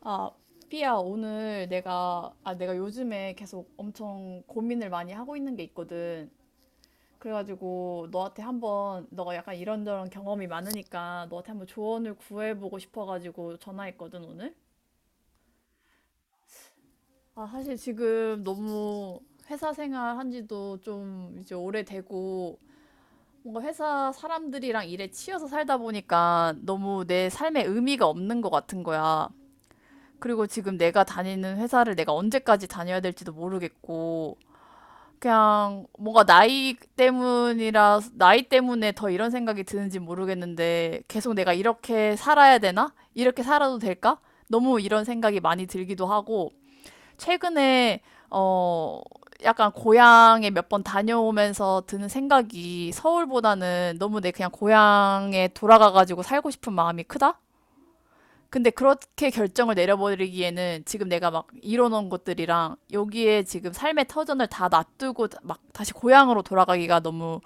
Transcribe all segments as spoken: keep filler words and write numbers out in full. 아, 삐야, 오늘 내가, 아, 내가 요즘에 계속 엄청 고민을 많이 하고 있는 게 있거든. 그래가지고 너한테 한번, 너가 약간 이런저런 경험이 많으니까 너한테 한번 조언을 구해보고 싶어가지고 전화했거든, 오늘. 아, 사실 지금 너무 회사 생활 한 지도 좀 이제 오래되고, 뭔가 회사 사람들이랑 일에 치여서 살다 보니까 너무 내 삶에 의미가 없는 것 같은 거야. 그리고 지금 내가 다니는 회사를 내가 언제까지 다녀야 될지도 모르겠고, 그냥 뭔가 나이 때문이라, 나이 때문에 더 이런 생각이 드는지 모르겠는데, 계속 내가 이렇게 살아야 되나? 이렇게 살아도 될까? 너무 이런 생각이 많이 들기도 하고, 최근에, 어, 약간 고향에 몇 번 다녀오면서 드는 생각이 서울보다는 너무 내 그냥 고향에 돌아가가지고 살고 싶은 마음이 크다? 근데 그렇게 결정을 내려버리기에는 지금 내가 막 이뤄놓은 것들이랑 여기에 지금 삶의 터전을 다 놔두고 막 다시 고향으로 돌아가기가 너무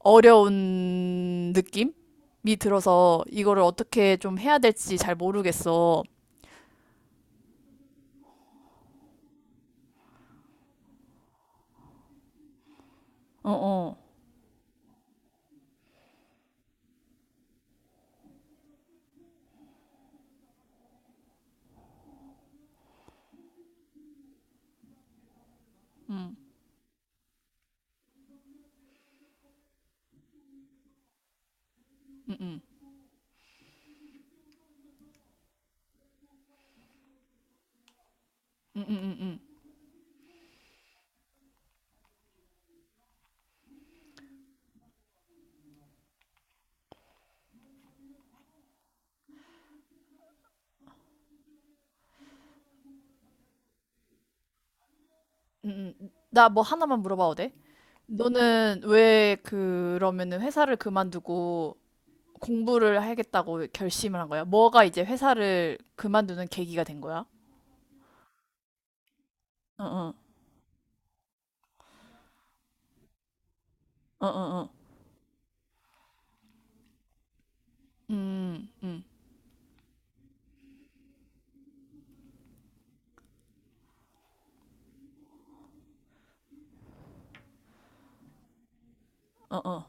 어려운 느낌이 들어서 이거를 어떻게 좀 해야 될지 잘 모르겠어. 어, 어. 음, 음, 음, 음, 음, 음. 나 뭐 하나만 물어봐도 돼? 너는 왜 그러면은 회사를 그만두고 공부를 하겠다고 결심을 한 거야? 뭐가 이제 회사를 그만두는 계기가 된 거야? 어, 어, 어, 어, 어. 음, 음. 어, 어.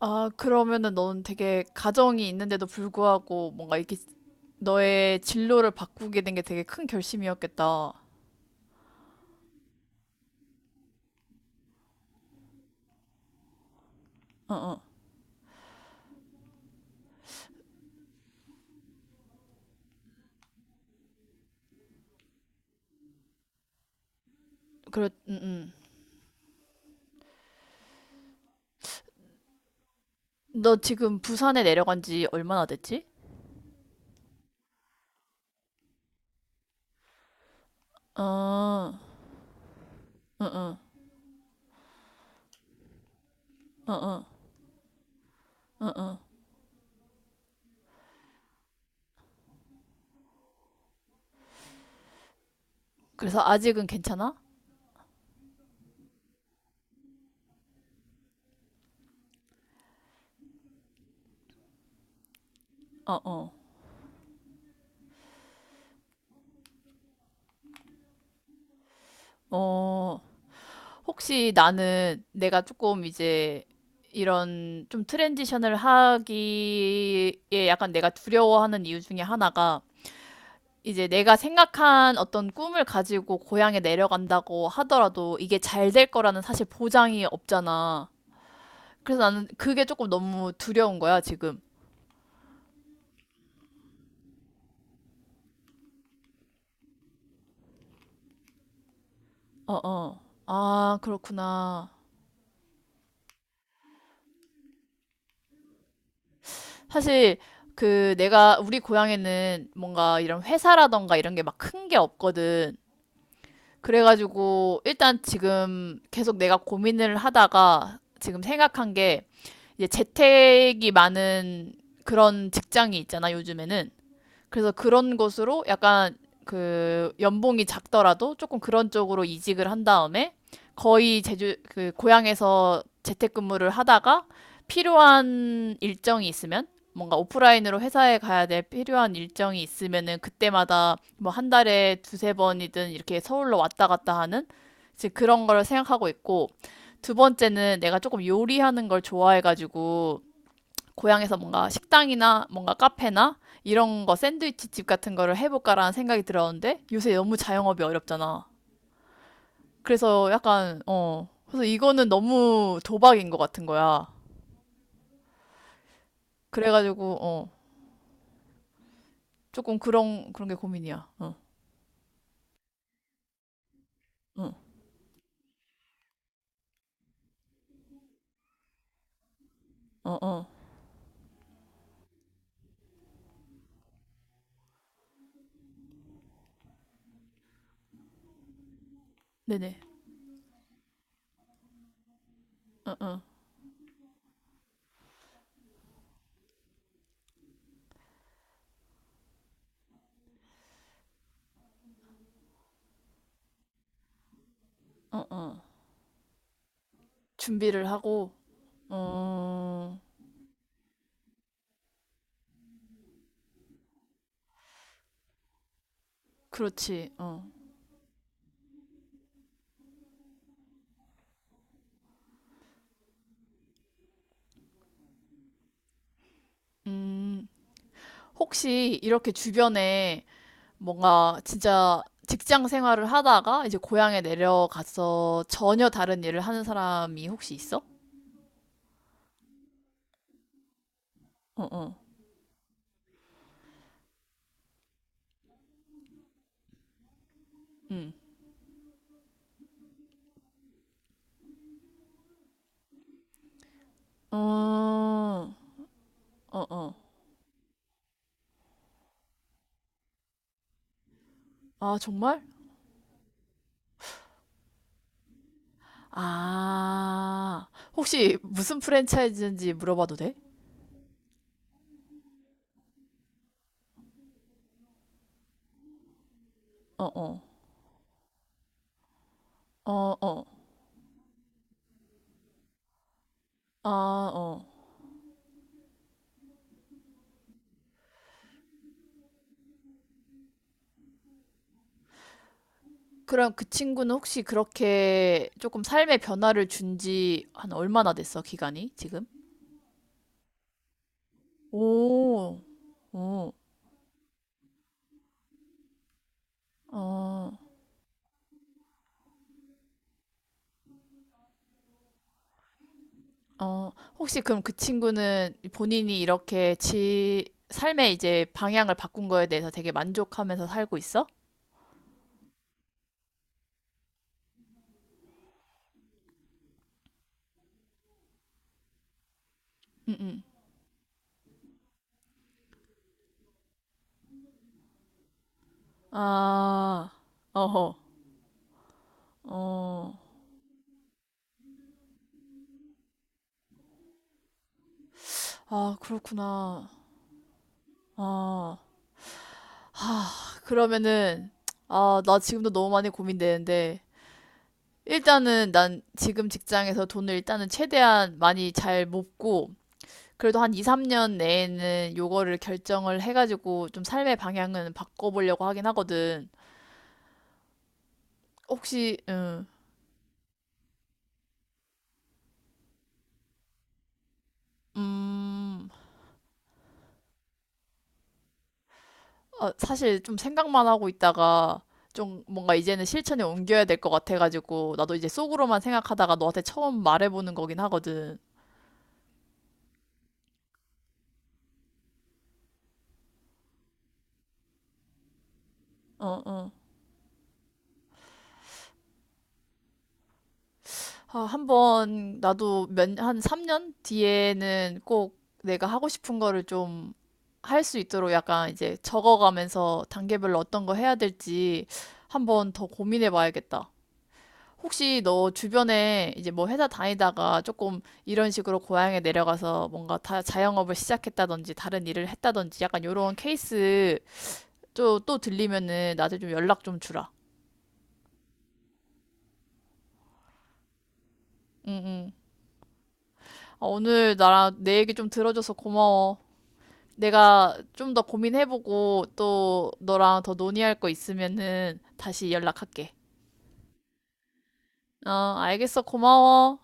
아, 그러면은 넌 되게 가정이 있는데도 불구하고 뭔가 이렇게 너의 진로를 바꾸게 된 게 되게 큰 결심이었겠다. 그래, 음, 음. 너 지금 부산에 내려간 지 얼마나 됐지? 어, 어, 어, 어, 어, 어, 어. 그래서 아직은 괜찮아? 어, 어, 어. 혹시 나는 내가 조금 이제 이런 좀 트랜지션을 하기에 약간 내가 두려워하는 이유 중에 하나가 이제 내가 생각한 어떤 꿈을 가지고 고향에 내려간다고 하더라도 이게 잘 될 거라는 사실 보장이 없잖아. 그래서 나는 그게 조금 너무 두려운 거야, 지금. 어, 어. 아, 그렇구나. 사실 그 내가 우리 고향에는 뭔가 이런 회사라던가 이런 게 막 큰 게 없거든. 그래가지고 일단 지금 계속 내가 고민을 하다가 지금 생각한 게 이제 재택이 많은 그런 직장이 있잖아, 요즘에는. 그래서 그런 것으로 약간 그 연봉이 작더라도 조금 그런 쪽으로 이직을 한 다음에 거의 제주 그 고향에서 재택근무를 하다가 필요한 일정이 있으면 뭔가 오프라인으로 회사에 가야 될 필요한 일정이 있으면은 그때마다 뭐 한 달에 두세 번이든 이렇게 서울로 왔다 갔다 하는 이제 그런 걸 생각하고 있고, 두 번째는 내가 조금 요리하는 걸 좋아해가지고 고향에서 뭔가 식당이나 뭔가 카페나 이런 거 샌드위치 집 같은 거를 해볼까라는 생각이 들었는데 요새 너무 자영업이 어렵잖아. 그래서 약간 어 그래서 이거는 너무 도박인 것 같은 거야. 그래가지고 어 조금 그런 그런 게 고민이야. 어어. 어, 어. 네네. 어, 어. 준비를 하고. 어. 그렇지. 어음. 혹시 이렇게 주변에 뭔가 진짜 직장 생활을 하다가 이제 고향에 내려가서 전혀 다른 일을 하는 사람이 혹시 있어? 어, 어. 응. 어, 어, 어. 아, 정말? 아, 혹시 무슨 프랜차이즈인지 물어봐도 돼? 어, 어. 어, 어. 아, 어. 그럼 그 친구는 혹시 그렇게 조금 삶의 변화를 준지 한 얼마나 됐어, 기간이 지금? 오, 오, 어. 어, 혹시 그럼 그 친구는 본인이 이렇게 지 삶의 이제 방향을 바꾼 거에 대해서 되게 만족하면서 살고 있어? 응, 응. 아, 어허. 어, 아, 그렇구나. 아, 그러면은, 아, 나 지금도 너무 많이 고민되는데, 일단은 난 지금 직장에서 돈을 일단은 최대한 많이 잘 모으고, 그래도 한 이, 삼 년 내에는 요거를 결정을 해가지고 좀 삶의 방향은 바꿔보려고 하긴 하거든. 혹시 음, 음, 어, 사실 좀 생각만 하고 있다가 좀 뭔가 이제는 실천에 옮겨야 될 것 같아가지고 나도 이제 속으로만 생각하다가 너한테 처음 말해보는 거긴 하거든. 어, 어. 아, 한번 나도 몇, 한 삼 년 뒤에는 꼭 내가 하고 싶은 거를 좀 할 수 있도록 약간 이제 적어가면서 단계별로 어떤 거 해야 될지 한번 더 고민해 봐야겠다. 혹시 너 주변에 이제 뭐 회사 다니다가 조금 이런 식으로 고향에 내려가서 뭔가 다 자영업을 시작했다든지 다른 일을 했다든지 약간 요런 케이스 또, 또 들리면은 나한테 좀 연락 좀 주라. 응, 응. 아, 오늘 나랑 내 얘기 좀 들어줘서 고마워. 내가 좀 더 고민해보고 또 너랑 더 논의할 거 있으면은 다시 연락할게. 어, 알겠어. 고마워.